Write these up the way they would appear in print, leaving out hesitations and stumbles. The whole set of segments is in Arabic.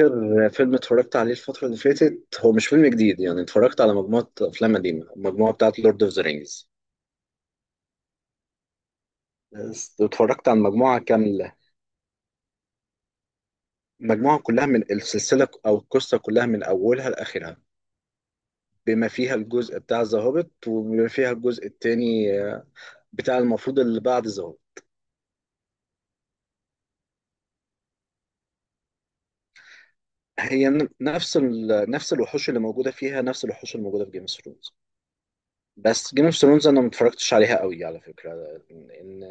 آخر فيلم اتفرجت عليه الفترة اللي فاتت هو مش فيلم جديد، يعني اتفرجت على مجموعة أفلام قديمة، المجموعة بتاعت لورد أوف ذا رينجز. اتفرجت على المجموعة كاملة. المجموعة كلها من السلسلة، أو القصة كلها من أولها لآخرها، بما فيها الجزء بتاع ذا هوبيت، وبما فيها الجزء التاني بتاع المفروض اللي بعد ذا هوبيت. هي نفس نفس الوحوش اللي موجودة فيها، نفس الوحوش اللي موجودة في جيم اوف. بس جيم اوف ثرونز انا ما اتفرجتش عليها قوي على فكره، لان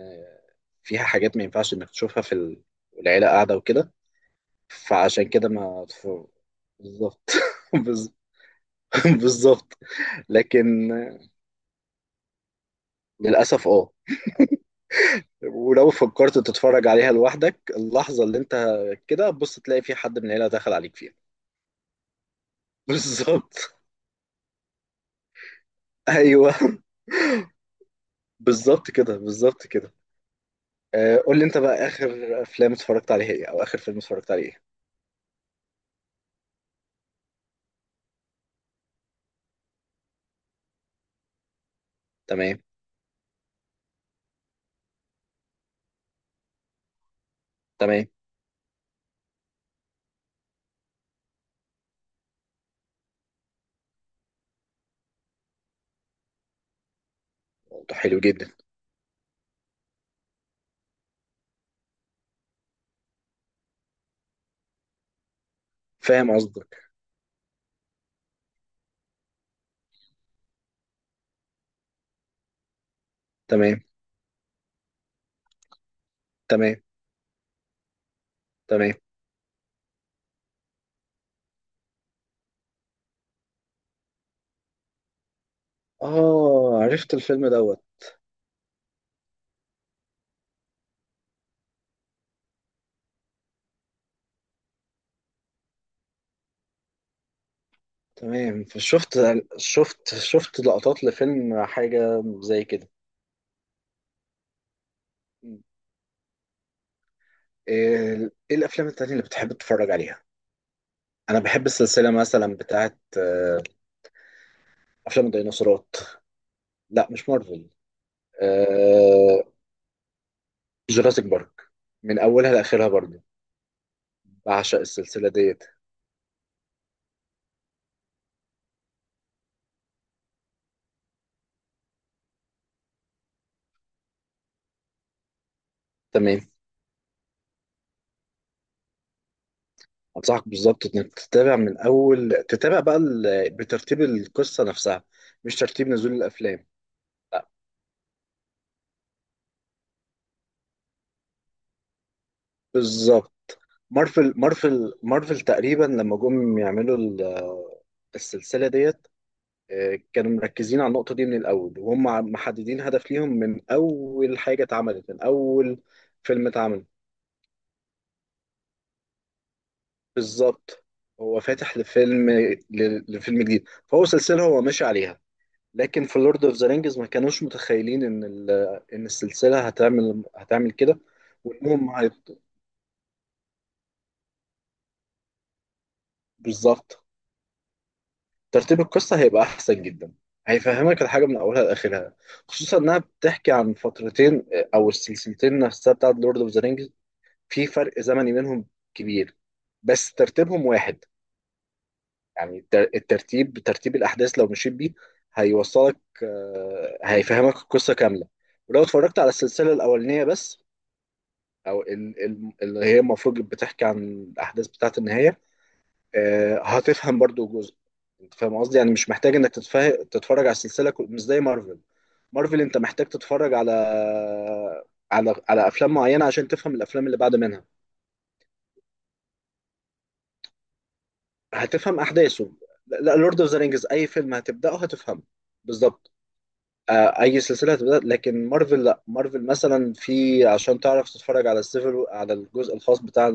فيها حاجات ما ينفعش انك تشوفها في العيله قاعده وكده. فعشان كده ما اتف- بالظبط. بز- بالظبط. لكن للاسف اه ولو فكرت تتفرج عليها لوحدك، اللحظه اللي انت كده، بص تلاقي في حد من العيله دخل عليك فيها. بالظبط. ايوه. بالظبط كده، بالظبط كده. قول لي انت بقى، اخر افلام اتفرجت عليها ايه؟ او اخر فيلم اتفرجت عليه ايه؟ تمام. تمام. ده حلو جدا. فاهم قصدك. تمام. تمام. تمام. اه، عرفت الفيلم دوت. تمام، شفت. شفت لقطات لفيلم، حاجة زي كده. إيه الافلام التانية اللي بتحب تتفرج عليها؟ انا بحب السلسلة مثلا بتاعت افلام الديناصورات. لا مش مارفل. آه، جوراسيك بارك، من اولها لاخرها برضه. بعشق السلسلة ديت. تمام. انصحك بالظبط انك تتابع من اول، تتابع بقى بترتيب القصه نفسها، مش ترتيب نزول الافلام. لا. بالظبط. مارفل مارفل مارفل تقريبا لما جم يعملوا السلسله ديت. كانوا مركزين على النقطه دي من الاول، وهم محددين هدف ليهم من اول حاجه اتعملت، من اول فيلم اتعمل. بالظبط. هو فاتح لفيلم لفيلم جديد، فهو سلسله هو ماشي عليها. لكن في لورد اوف ذا رينجز ما كانوش متخيلين ان ان السلسله هتعمل كده، وانهم بالظبط. ترتيب القصه هيبقى احسن جدا، هيفهمك الحاجه من اولها لاخرها. خصوصا انها بتحكي عن فترتين، او السلسلتين نفسها بتاعت لورد اوف ذا رينجز، في فرق زمني بينهم كبير، بس ترتيبهم واحد. يعني الترتيب، ترتيب الاحداث لو مشيت بيه هيوصلك، هيفهمك القصه كامله. ولو اتفرجت على السلسله الاولانيه بس، او اللي هي المفروض بتحكي عن الاحداث بتاعه النهايه، هتفهم برضو جزء. انت فاهم قصدي، يعني مش محتاج انك تتفرج على السلسله، مش زي مارفل. مارفل انت محتاج تتفرج على على افلام معينه عشان تفهم الافلام اللي بعد منها. هتفهم احداثه. لا، لورد اوف ذا رينجز اي فيلم هتبداه هتفهمه. بالظبط. آه، اي سلسله هتبدا، لكن مارفل لا، مارفل مثلا في عشان تعرف تتفرج على السيفل، على الجزء الخاص بتاع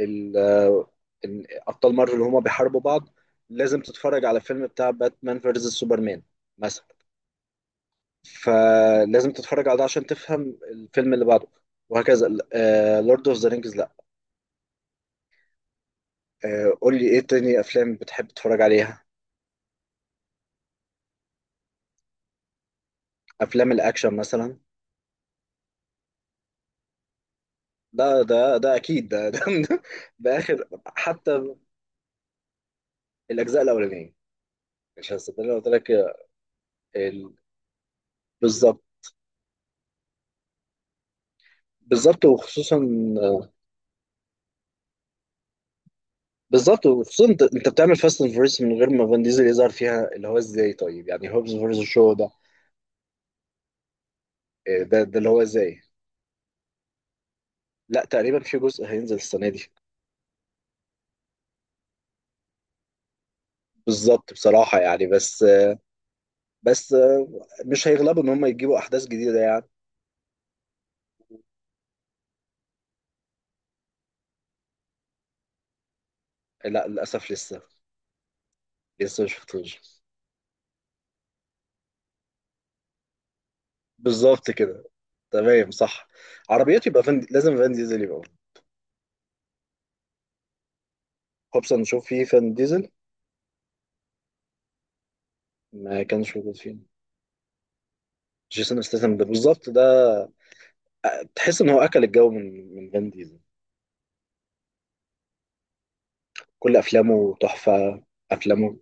ال- آه، ابطال مارفل اللي هما بيحاربوا بعض، لازم تتفرج على فيلم بتاع باتمان فيرسس سوبرمان مثلا. فلازم تتفرج على ده عشان تفهم الفيلم اللي بعده، وهكذا. لورد اوف ذا رينجز لا. قول لي ايه تاني افلام بتحب تتفرج عليها؟ افلام الاكشن مثلا. ده اكيد، ده, ده اخر. حتى الاجزاء الاولانيه. مش هصدقني لو قلت لك. ال- بالظبط. بالظبط وخصوصا، بالظبط وخصوصا انت، بتعمل فاست اند فيرس من غير ما فان ديزل يظهر فيها، اللي هو ازاي طيب، يعني هوبز فيرس شو ده؟ إيه ده؟ اللي هو ازاي؟ لا، تقريبا في جزء هينزل السنه دي. بالظبط بصراحه يعني. بس بس مش هيغلبوا ان هم يجيبوا احداث جديده يعني. لا للاسف لسه، لسه مش شفتوش. بالظبط كده. تمام صح. عربيات، يبقى فن، لازم فان ديزل يبقى. هوبس نشوف فيه فان ديزل. ما كانش موجود فيه. جيسون استاثام ده، بالظبط ده. تحس ان هو اكل الجو من فان ديزل. كل افلامه تحفه. افلامه.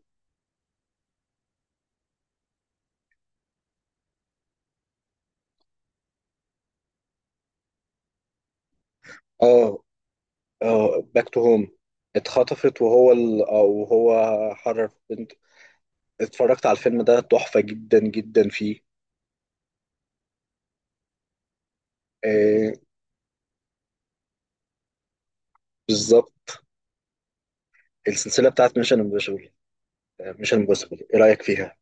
اه اه. باك تو هوم. اتخطفت، وهو او هو حرر بنت. اتفرجت على الفيلم ده، تحفه جدا جدا فيه. آه بالظبط. السلسله بتاعت ميشن امبوسيبل، ميشن امبوسيبل، ايه رايك فيها؟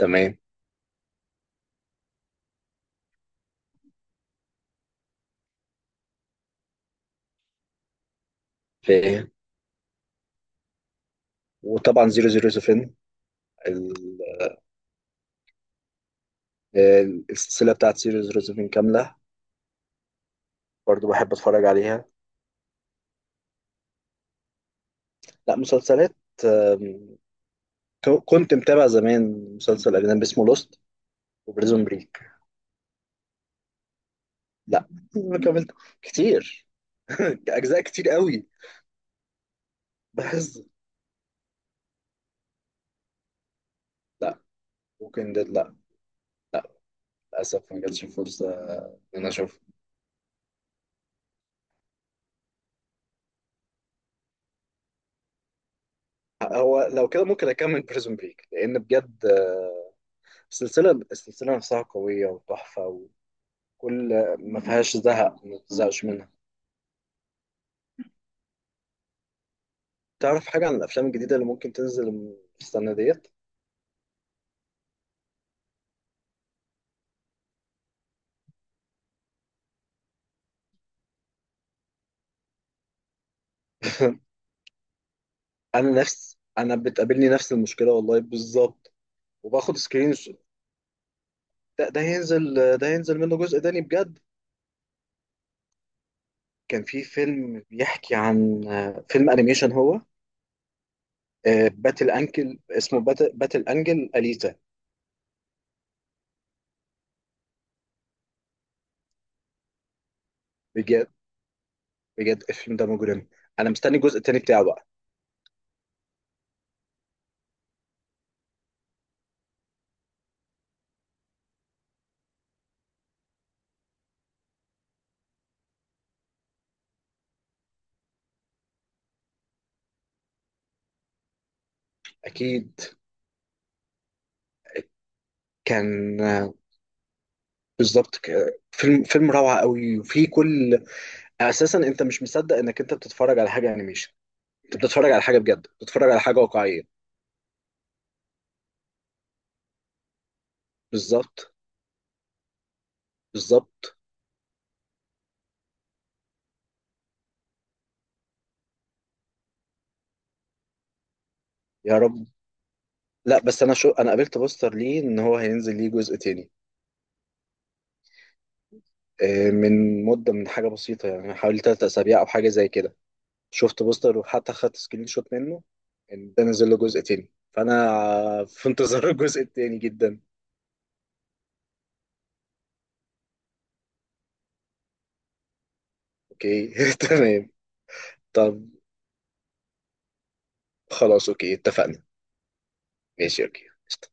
تمام. في إيه؟ وطبعا 007 ال... آه، السلسله بتاعت 007 كامله، برضو بحب اتفرج عليها. لا، مسلسلات. آم، كنت متابع زمان مسلسل اجنبي اسمه لوست، وبريزون بريك. لا، ما كملت كتير. اجزاء كتير قوي. بس. لا. ممكن ده لا. لا للاسف ما جاتش فرصه ان انا اشوف. هو لو كده ممكن اكمل بريزون بريك، لان بجد السلسله نفسها قويه وتحفه، وكل ما فيهاش زهق، ما تزهقش منها. تعرف حاجه عن الافلام الجديده اللي ممكن تنزل السنه ديت؟ انا بتقابلني نفس المشكله، والله بالظبط. وباخد سكرين ده هينزل منه جزء تاني بجد. كان في فيلم بيحكي عن، فيلم انيميشن هو. باتل انكل اسمه باتل انجل اليتا، بجد. بجد الفيلم ده مجرم. انا مستني الجزء التاني بتاعه بقى. اكيد. كان. بالظبط. فيلم روعة قوي. وفي كل اساسا انت مش مصدق انك انت بتتفرج على حاجة انيميشن، انت بتتفرج على حاجه بجد، بتتفرج على حاجه واقعيه. بالظبط. بالظبط. يا رب. لا، بس انا قابلت بوستر ليه ان هو هينزل ليه جزء تاني. من مده، من حاجه بسيطه يعني، حوالي 3 اسابيع او حاجه زي كده. شفت بوستر وحتى خدت سكرين شوت منه، ان ده نزل له جزء تاني، فانا في انتظار الجزء التاني جدا. اوكي. تمام. طب خلاص، اوكي، اتفقنا. ماشي، اوكي، قشطة.